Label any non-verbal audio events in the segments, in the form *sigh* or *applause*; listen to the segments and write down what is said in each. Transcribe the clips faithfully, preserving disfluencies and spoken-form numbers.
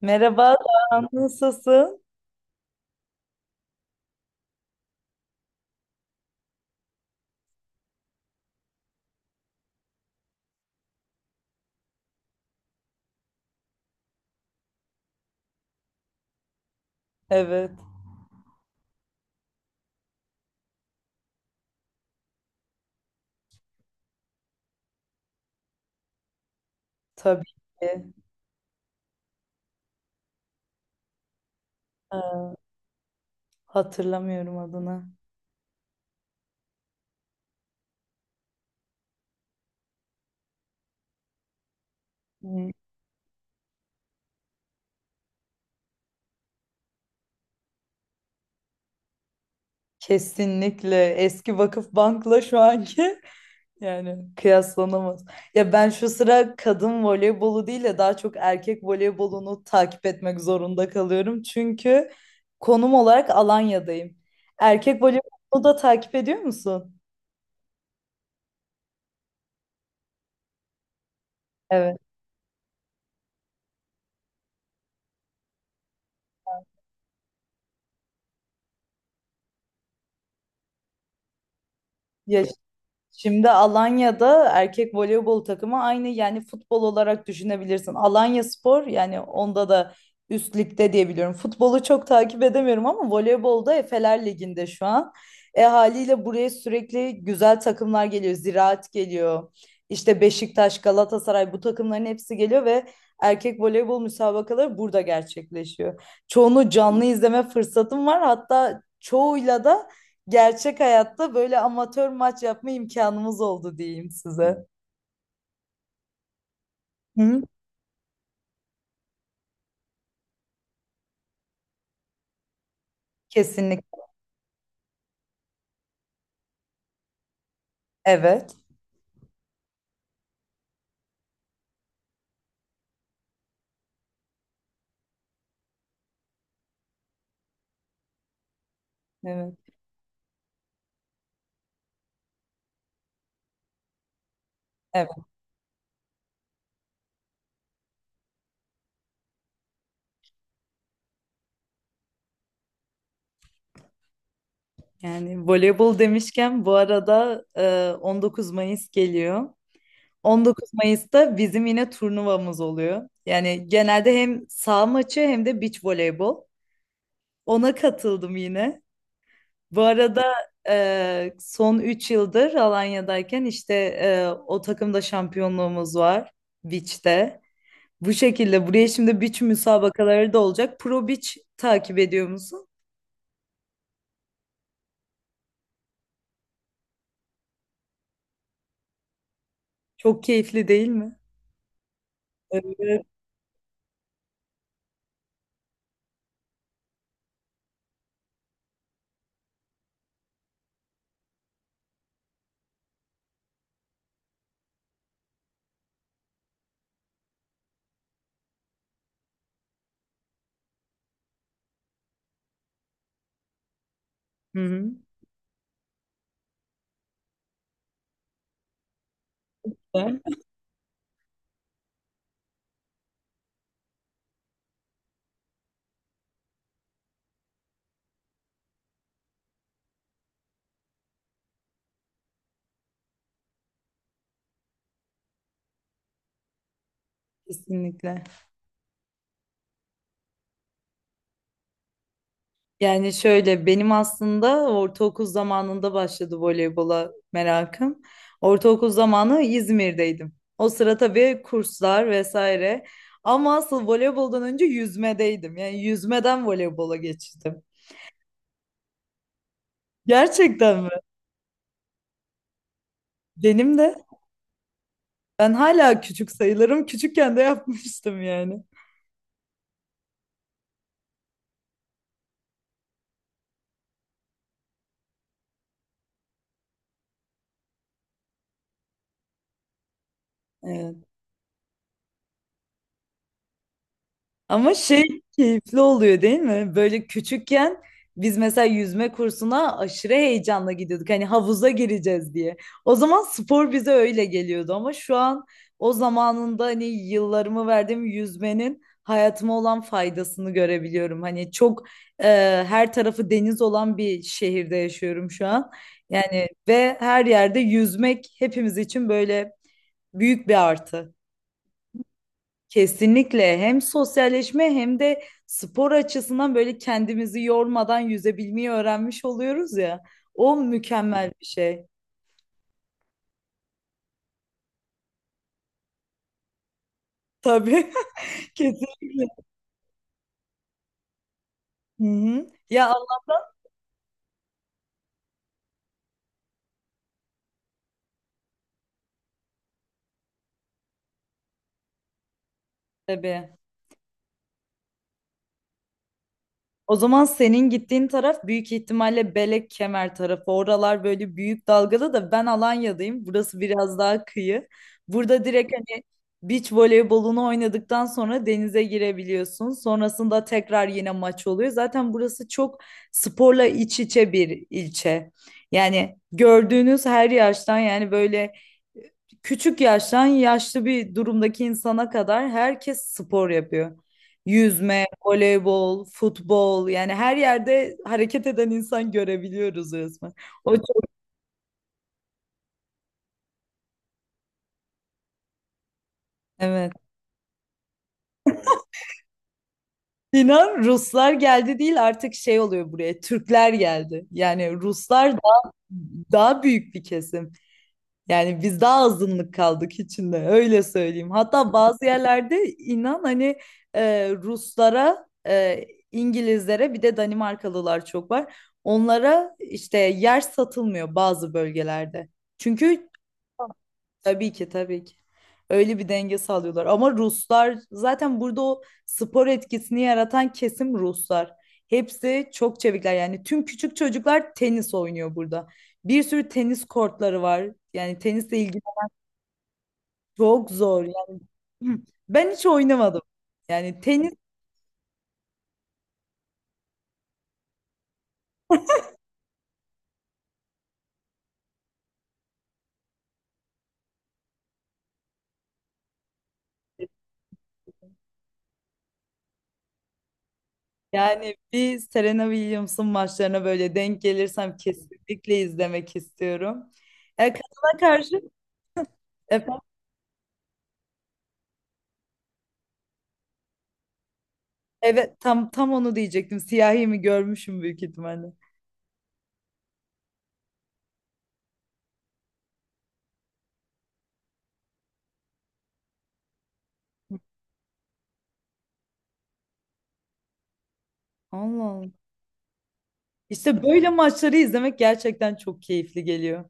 Merhaba, Doğan, nasılsın? Evet, tabii ki. Ee, hatırlamıyorum adını. Hmm. Kesinlikle eski Vakıfbank'la şu anki *laughs* yani kıyaslanamaz. Ya ben şu sıra kadın voleybolu değil de daha çok erkek voleybolunu takip etmek zorunda kalıyorum. Çünkü konum olarak Alanya'dayım. Erkek voleybolunu da takip ediyor musun? Evet. Ya şimdi Alanya'da erkek voleybol takımı aynı yani futbol olarak düşünebilirsin. Alanya Spor yani onda da üst ligde diye biliyorum. Futbolu çok takip edemiyorum ama voleybolda Efeler Ligi'nde şu an. E haliyle buraya sürekli güzel takımlar geliyor. Ziraat geliyor. İşte Beşiktaş, Galatasaray bu takımların hepsi geliyor ve erkek voleybol müsabakaları burada gerçekleşiyor. Çoğunu canlı izleme fırsatım var. Hatta çoğuyla da gerçek hayatta böyle amatör maç yapma imkanımız oldu diyeyim size. Hı? Kesinlikle. Evet. Evet. Evet. Yani voleybol demişken bu arada e, on dokuz Mayıs geliyor. on dokuz Mayıs'ta bizim yine turnuvamız oluyor. Yani genelde hem saha maçı hem de beach voleybol. Ona katıldım yine. Bu arada e, son üç yıldır Alanya'dayken işte e, o takımda şampiyonluğumuz var beach'te. Bu şekilde buraya şimdi beach müsabakaları da olacak. Pro Beach takip ediyor musun? Çok keyifli değil mi? Evet. Hı hı. Ben- Kesinlikle. Yani şöyle benim aslında ortaokul zamanında başladı voleybola merakım. Ortaokul zamanı İzmir'deydim. O sıra tabii kurslar vesaire. Ama asıl voleyboldan önce yüzmedeydim. Yani yüzmeden voleybola geçtim. Gerçekten mi? Benim de. Ben hala küçük sayılırım. Küçükken de yapmıştım yani. Evet. Ama şey, keyifli oluyor değil mi? Böyle küçükken biz mesela yüzme kursuna aşırı heyecanla gidiyorduk. Hani havuza gireceğiz diye. O zaman spor bize öyle geliyordu ama şu an o zamanında hani yıllarımı verdiğim yüzmenin hayatıma olan faydasını görebiliyorum. Hani çok e, her tarafı deniz olan bir şehirde yaşıyorum şu an. Yani ve her yerde yüzmek hepimiz için böyle büyük bir artı. Kesinlikle hem sosyalleşme hem de spor açısından böyle kendimizi yormadan yüzebilmeyi öğrenmiş oluyoruz ya. O mükemmel bir şey. Tabii, *laughs* kesinlikle. Hı hı. Ya al tabii. O zaman senin gittiğin taraf büyük ihtimalle Belek Kemer tarafı. Oralar böyle büyük dalgalı da ben Alanya'dayım. Burası biraz daha kıyı. Burada direkt hani beach voleybolunu oynadıktan sonra denize girebiliyorsun. Sonrasında tekrar yine maç oluyor. Zaten burası çok sporla iç içe bir ilçe. Yani gördüğünüz her yaştan yani böyle küçük yaştan yaşlı bir durumdaki insana kadar herkes spor yapıyor. Yüzme, voleybol, futbol yani her yerde hareket eden insan görebiliyoruz resmen. O çok evet. İnan Ruslar geldi değil artık şey oluyor buraya Türkler geldi. Yani Ruslar daha, daha büyük bir kesim. Yani biz daha azınlık kaldık içinde öyle söyleyeyim. Hatta bazı yerlerde inan hani e, Ruslara, e, İngilizlere bir de Danimarkalılar çok var. Onlara işte yer satılmıyor bazı bölgelerde. Çünkü tabii ki tabii ki. Öyle bir denge sağlıyorlar. Ama Ruslar zaten burada o spor etkisini yaratan kesim Ruslar. Hepsi çok çevikler. Yani tüm küçük çocuklar tenis oynuyor burada. Bir sürü tenis kortları var. Yani tenisle ilgili çok zor. Yani, *clears throat* ben hiç oynamadım. Yani tenis yani bir Serena Williams'ın maçlarına böyle denk gelirsem kesinlikle izlemek istiyorum. E, kadına karşı evet tam tam onu diyecektim. Siyahi mi görmüşüm büyük ihtimalle. Allah Allah. İşte böyle maçları izlemek gerçekten çok keyifli geliyor.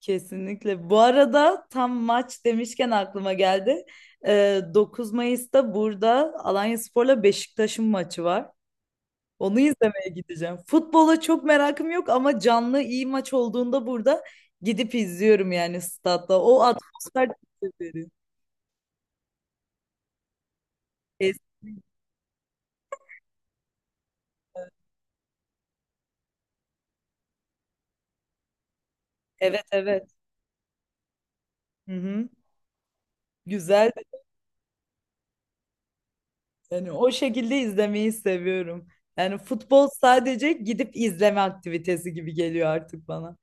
Kesinlikle. Bu arada tam maç demişken aklıma geldi. Ee, dokuz Mayıs'ta burada Alanyaspor'la Beşiktaş'ın maçı var. Onu izlemeye gideceğim. Futbola çok merakım yok ama canlı iyi maç olduğunda burada gidip izliyorum yani statta. O atmosfer çok güzel. Evet, evet. Hı hı. Güzel. Yani o şekilde izlemeyi seviyorum. Yani futbol sadece gidip izleme aktivitesi gibi geliyor artık bana.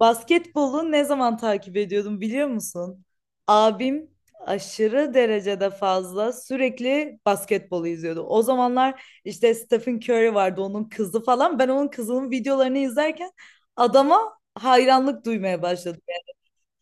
Basketbolu ne zaman takip ediyordum biliyor musun? Abim aşırı derecede fazla sürekli basketbolu izliyordu. O zamanlar işte Stephen Curry vardı onun kızı falan. Ben onun kızının videolarını izlerken adama hayranlık duymaya başladım,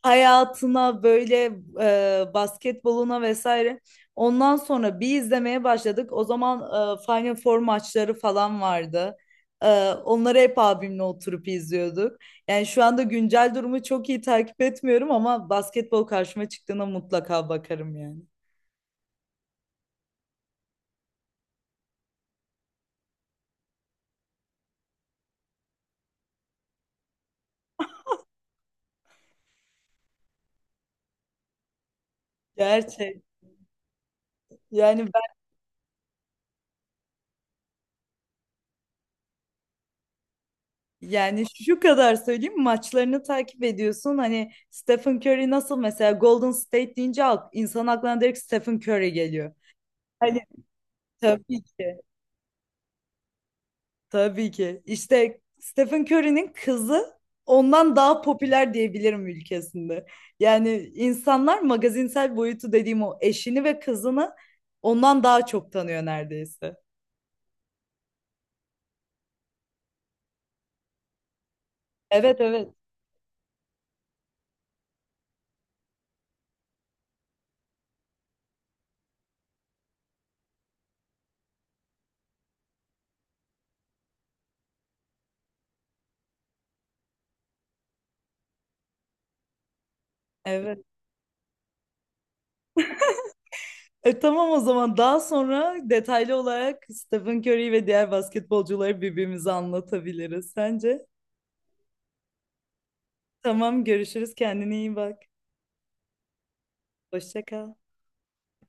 hayatına böyle e, basketboluna vesaire. Ondan sonra bir izlemeye başladık. O zaman e, Final Four maçları falan vardı. E, onları hep abimle oturup izliyorduk. Yani şu anda güncel durumu çok iyi takip etmiyorum ama basketbol karşıma çıktığına mutlaka bakarım yani. Gerçek. Yani ben yani şu kadar söyleyeyim maçlarını takip ediyorsun. Hani Stephen Curry nasıl mesela Golden State deyince ak- insan aklına direkt Stephen Curry geliyor. Hani tabii ki. Tabii ki. İşte Stephen Curry'nin kızı ondan daha popüler diyebilirim ülkesinde. Yani insanlar magazinsel boyutu dediğim o eşini ve kızını ondan daha çok tanıyor neredeyse. Evet, evet. Evet. E, tamam o zaman daha sonra detaylı olarak Stephen Curry ve diğer basketbolcuları birbirimize anlatabiliriz sence? Tamam görüşürüz. Kendine iyi bak. Hoşça kal.